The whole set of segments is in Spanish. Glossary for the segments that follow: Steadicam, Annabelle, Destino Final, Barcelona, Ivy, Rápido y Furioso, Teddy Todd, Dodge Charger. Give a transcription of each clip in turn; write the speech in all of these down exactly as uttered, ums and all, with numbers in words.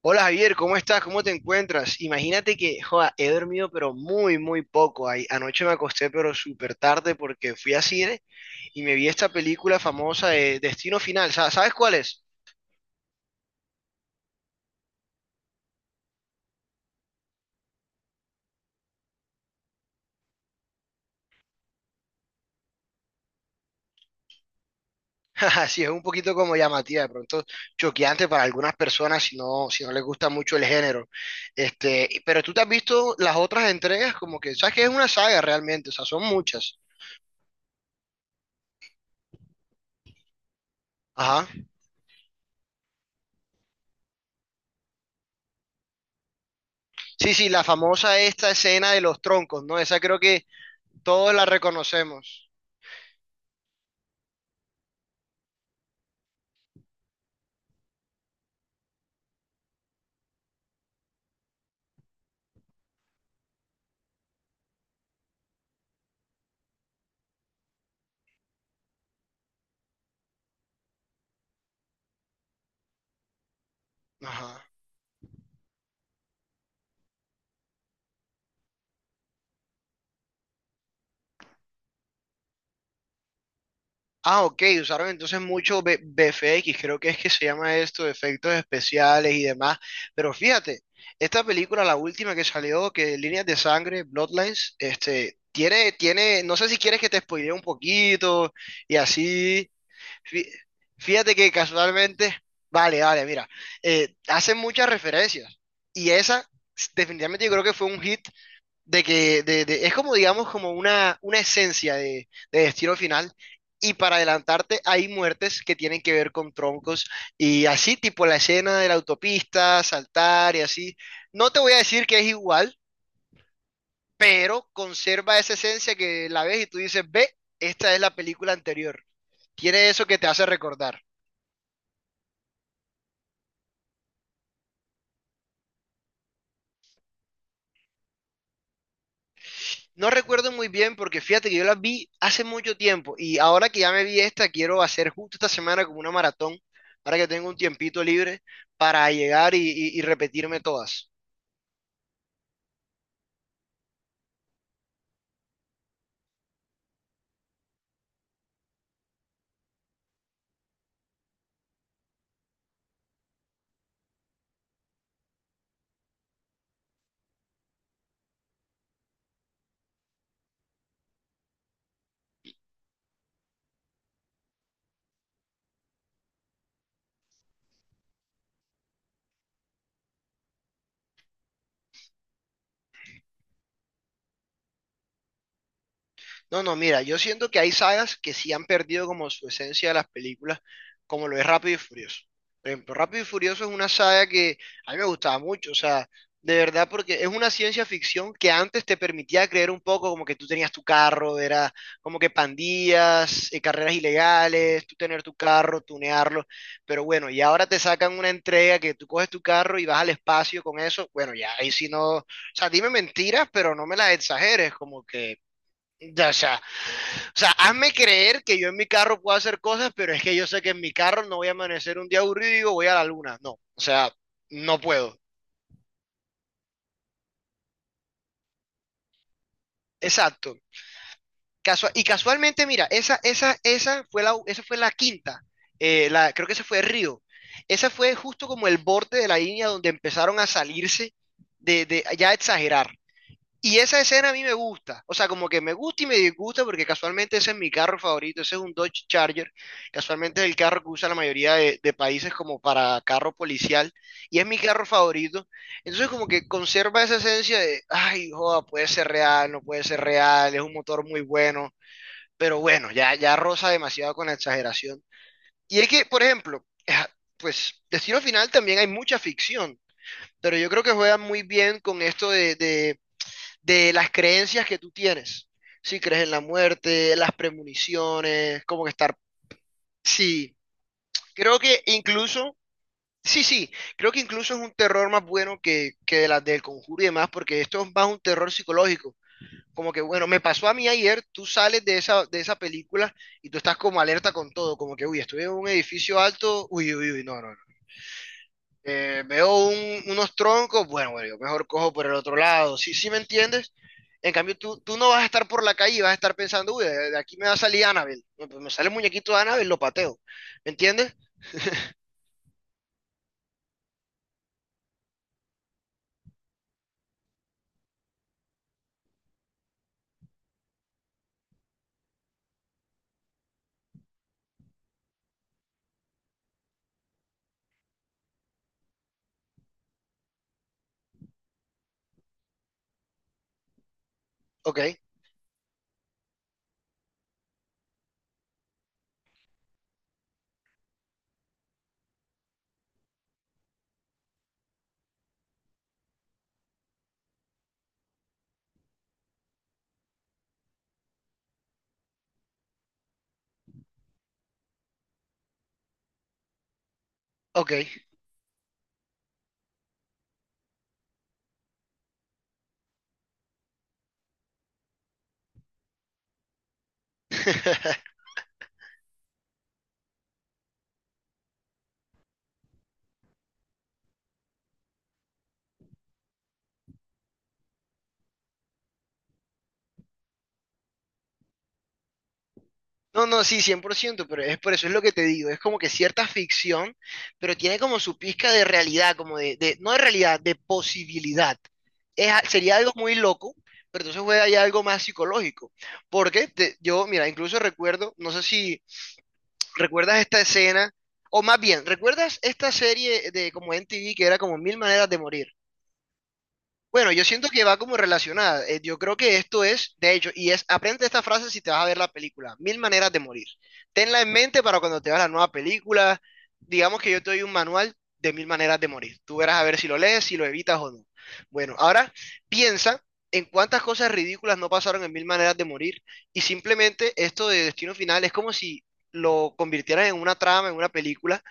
Hola Javier, ¿cómo estás? ¿Cómo te encuentras? Imagínate que, joda, he dormido pero muy, muy poco. Ay, anoche me acosté pero súper tarde porque fui a cine y me vi esta película famosa de Destino Final. Sa- ¿Sabes cuál es? Jaja, sí, es un poquito como llamativa, de pronto choqueante para algunas personas si no, si no les gusta mucho el género. Este, y- pero tú te has visto las otras entregas como que, sabes que es una saga realmente, o sea, son muchas. Ajá. Sí, sí, la famosa esta escena de los troncos, ¿no? Esa creo que todos la reconocemos. Ajá. Ah, ok, usaron entonces mucho B- BFX, creo que es que se llama esto, efectos especiales y demás. Pero fíjate, esta película, la última que salió, que Líneas de Sangre, Bloodlines, este, tiene, tiene, no sé si quieres que te spoilee un poquito y así. Fí- Fíjate que casualmente, vale, vale, mira, eh, hacen muchas referencias y esa s- definitivamente yo creo que fue un hit de que de- de- es como digamos como una, una esencia de, de Destino Final, y para adelantarte hay muertes que tienen que ver con troncos y así tipo la escena de la autopista, saltar y así. No te voy a decir que es igual, pero conserva esa esencia que la ves y tú dices, ve, esta es la película anterior. Tiene eso que te hace recordar. No recuerdo muy bien porque fíjate que yo las vi hace mucho tiempo y ahora que ya me vi esta, quiero hacer justo esta semana como una maratón, ahora que tengo un tiempito libre para llegar y, y- y repetirme todas. No, no, mira, yo siento que hay sagas que sí han perdido como su esencia de las películas, como lo es Rápido y Furioso. Por ejemplo, Rápido y Furioso es una saga que a mí me gustaba mucho, o sea, de verdad, porque es una ciencia ficción que antes te permitía creer un poco como que tú tenías tu carro, era como que pandillas, eh, carreras ilegales, tú tener tu carro, tunearlo, pero bueno, y ahora te sacan una entrega que tú coges tu carro y vas al espacio con eso, bueno, ya ahí sí no, o sea, dime mentiras, pero no me las exageres, como que ya, o sea, o sea, hazme creer que yo en mi carro puedo hacer cosas, pero es que yo sé que en mi carro no voy a amanecer un día aburrido y digo, voy a la luna. No, o sea, no puedo. Exacto. Casua- y casualmente, mira, esa, esa, esa fue la, esa fue la quinta. Eh, la, creo que esa fue Río. Esa fue justo como el borde de la línea donde empezaron a salirse de, de ya a exagerar. Y esa escena a mí me gusta, o sea, como que me gusta y me disgusta porque casualmente ese es mi carro favorito, ese es un Dodge Charger, casualmente es el carro que usa la mayoría de, de países como para carro policial y es mi carro favorito. Entonces como que conserva esa esencia de, ay, joda, puede ser real, no puede ser real, es un motor muy bueno, pero bueno, ya, ya roza demasiado con la exageración. Y es que, por ejemplo, pues Destino Final también hay mucha ficción, pero yo creo que juegan muy bien con esto de de de las creencias que tú tienes. Si crees en la muerte, las premoniciones, como que estar... Sí, creo que incluso... Sí, sí, creo que incluso es un terror más bueno que, que de las del conjuro y demás, porque esto es más un terror psicológico. Como que, bueno, me pasó a mí ayer, tú sales de esa, de esa película y tú estás como alerta con todo, como que, uy, estoy en un edificio alto, uy, uy, uy, no, no, no. Eh, veo un- unos troncos, bueno, bueno, yo mejor cojo por el otro lado, ¿sí, sí me entiendes? En cambio, tú, tú no vas a estar por la calle y vas a estar pensando, uy, de de aquí me va a salir Annabelle. Me me sale el muñequito de Annabelle, lo pateo. ¿Me entiendes? Ok, ok. No, no, sí, cien por ciento, pero es por eso es lo que te digo, es como que cierta ficción, pero tiene como su pizca de realidad, como de, de- no de realidad, de posibilidad. Es a- sería algo muy loco, pero entonces juega ya algo más psicológico. Porque te- yo, mira, incluso recuerdo, no sé si recuerdas esta escena, o más bien, ¿recuerdas esta serie de como M T V que era como Mil Maneras de Morir? Bueno, yo siento que va como relacionada. Eh, yo creo que esto es, de hecho, y es, aprende esta frase si te vas a ver la película. Mil maneras de morir. Tenla en mente para cuando te veas la nueva película. Digamos que yo te doy un manual de mil maneras de morir. Tú verás a ver si lo lees, si lo evitas o no. Bueno, ahora piensa en cuántas cosas ridículas no pasaron en mil maneras de morir. Y simplemente esto de destino final es como si lo convirtieran en una trama, en una película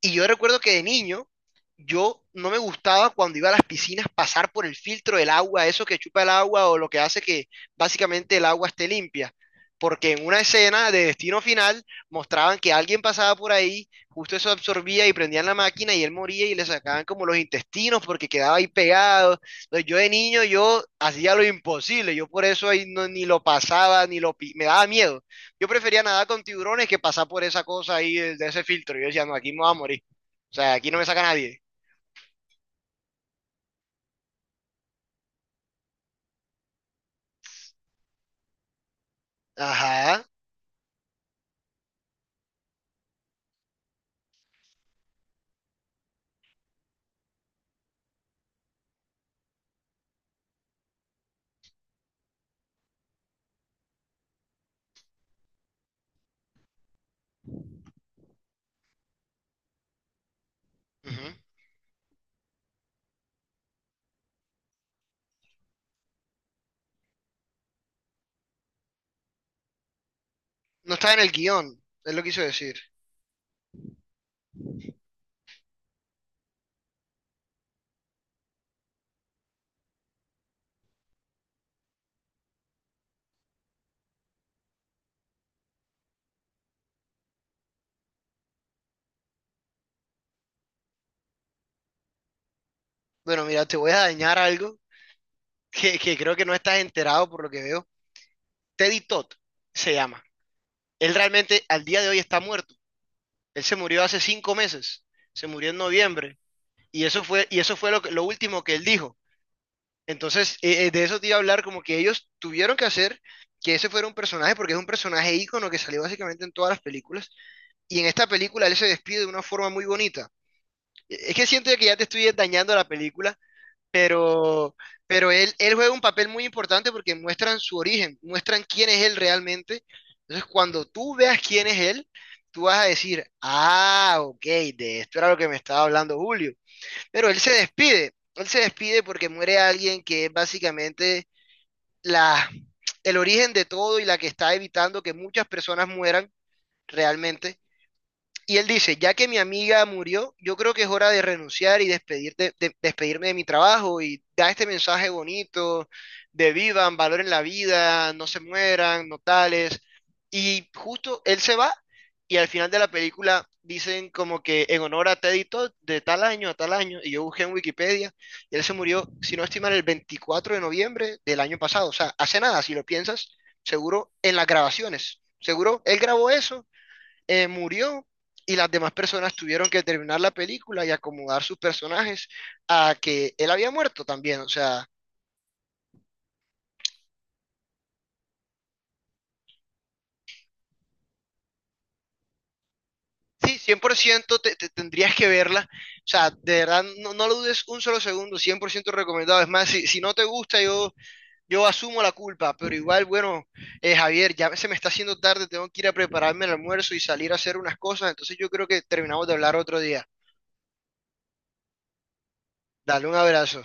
y yo recuerdo que de niño, yo no me gustaba cuando iba a las piscinas pasar por el filtro del agua, eso que chupa el agua o lo que hace que básicamente el agua esté limpia. Porque en una escena de Destino Final mostraban que alguien pasaba por ahí, justo eso absorbía y prendían la máquina y él moría y le sacaban como los intestinos porque quedaba ahí pegado. Entonces yo de niño yo hacía lo imposible, yo por eso ahí no- ni lo pasaba, ni lo pi- me daba miedo. Yo prefería nadar con tiburones que pasar por esa cosa ahí, de, de ese filtro. Yo decía, no, aquí me voy a morir. O sea, aquí no me saca nadie. Ajá. Ujú. No está en el guión, es lo que quiso decir. Bueno, mira, te voy a dañar algo que, que creo que no estás enterado por lo que veo. Teddy Todd se llama. Él realmente al día de hoy está muerto. Él se murió hace cinco meses. Se murió en noviembre. Y eso fue, y eso fue lo, que- lo último que él dijo. Entonces, eh, eh, de eso te iba a hablar, como que ellos tuvieron que hacer que ese fuera un personaje, porque es un personaje ícono que salió básicamente en todas las películas, y en esta película él se despide de una forma muy bonita. Eh, Es que siento que ya te estoy dañando la película, pero, pero él, él juega un papel muy importante porque muestran su origen, muestran quién es él realmente. Entonces, cuando tú veas quién es él, tú vas a decir, ah, ok, de esto era lo que me estaba hablando Julio. Pero él se despide, él se despide porque muere alguien que es básicamente la, el origen de todo y la que está evitando que muchas personas mueran realmente y él dice, ya que mi amiga murió, yo creo que es hora de renunciar y despedir de- despedirme de mi trabajo y da este mensaje bonito de vivan, valoren la vida, no se mueran, no tales. Y justo él se va y al final de la película dicen como que en honor a Teddy Todd de tal año a tal año, y yo busqué en Wikipedia, y él se murió, si no estoy mal, el veinticuatro de noviembre del año pasado. O sea, hace nada, si lo piensas, seguro en las grabaciones. Seguro él grabó eso, eh, murió y las demás personas tuvieron que terminar la película y acomodar sus personajes a que él había muerto también. O sea, sí, cien por ciento te, te tendrías que verla. O sea, de verdad, no, no lo dudes un solo segundo, cien por ciento recomendado. Es más, si, si no te gusta, yo, yo asumo la culpa, pero igual, bueno, eh, Javier, ya se me está haciendo tarde, tengo que ir a prepararme el almuerzo y salir a hacer unas cosas, entonces yo creo que terminamos de hablar otro día. Dale un abrazo.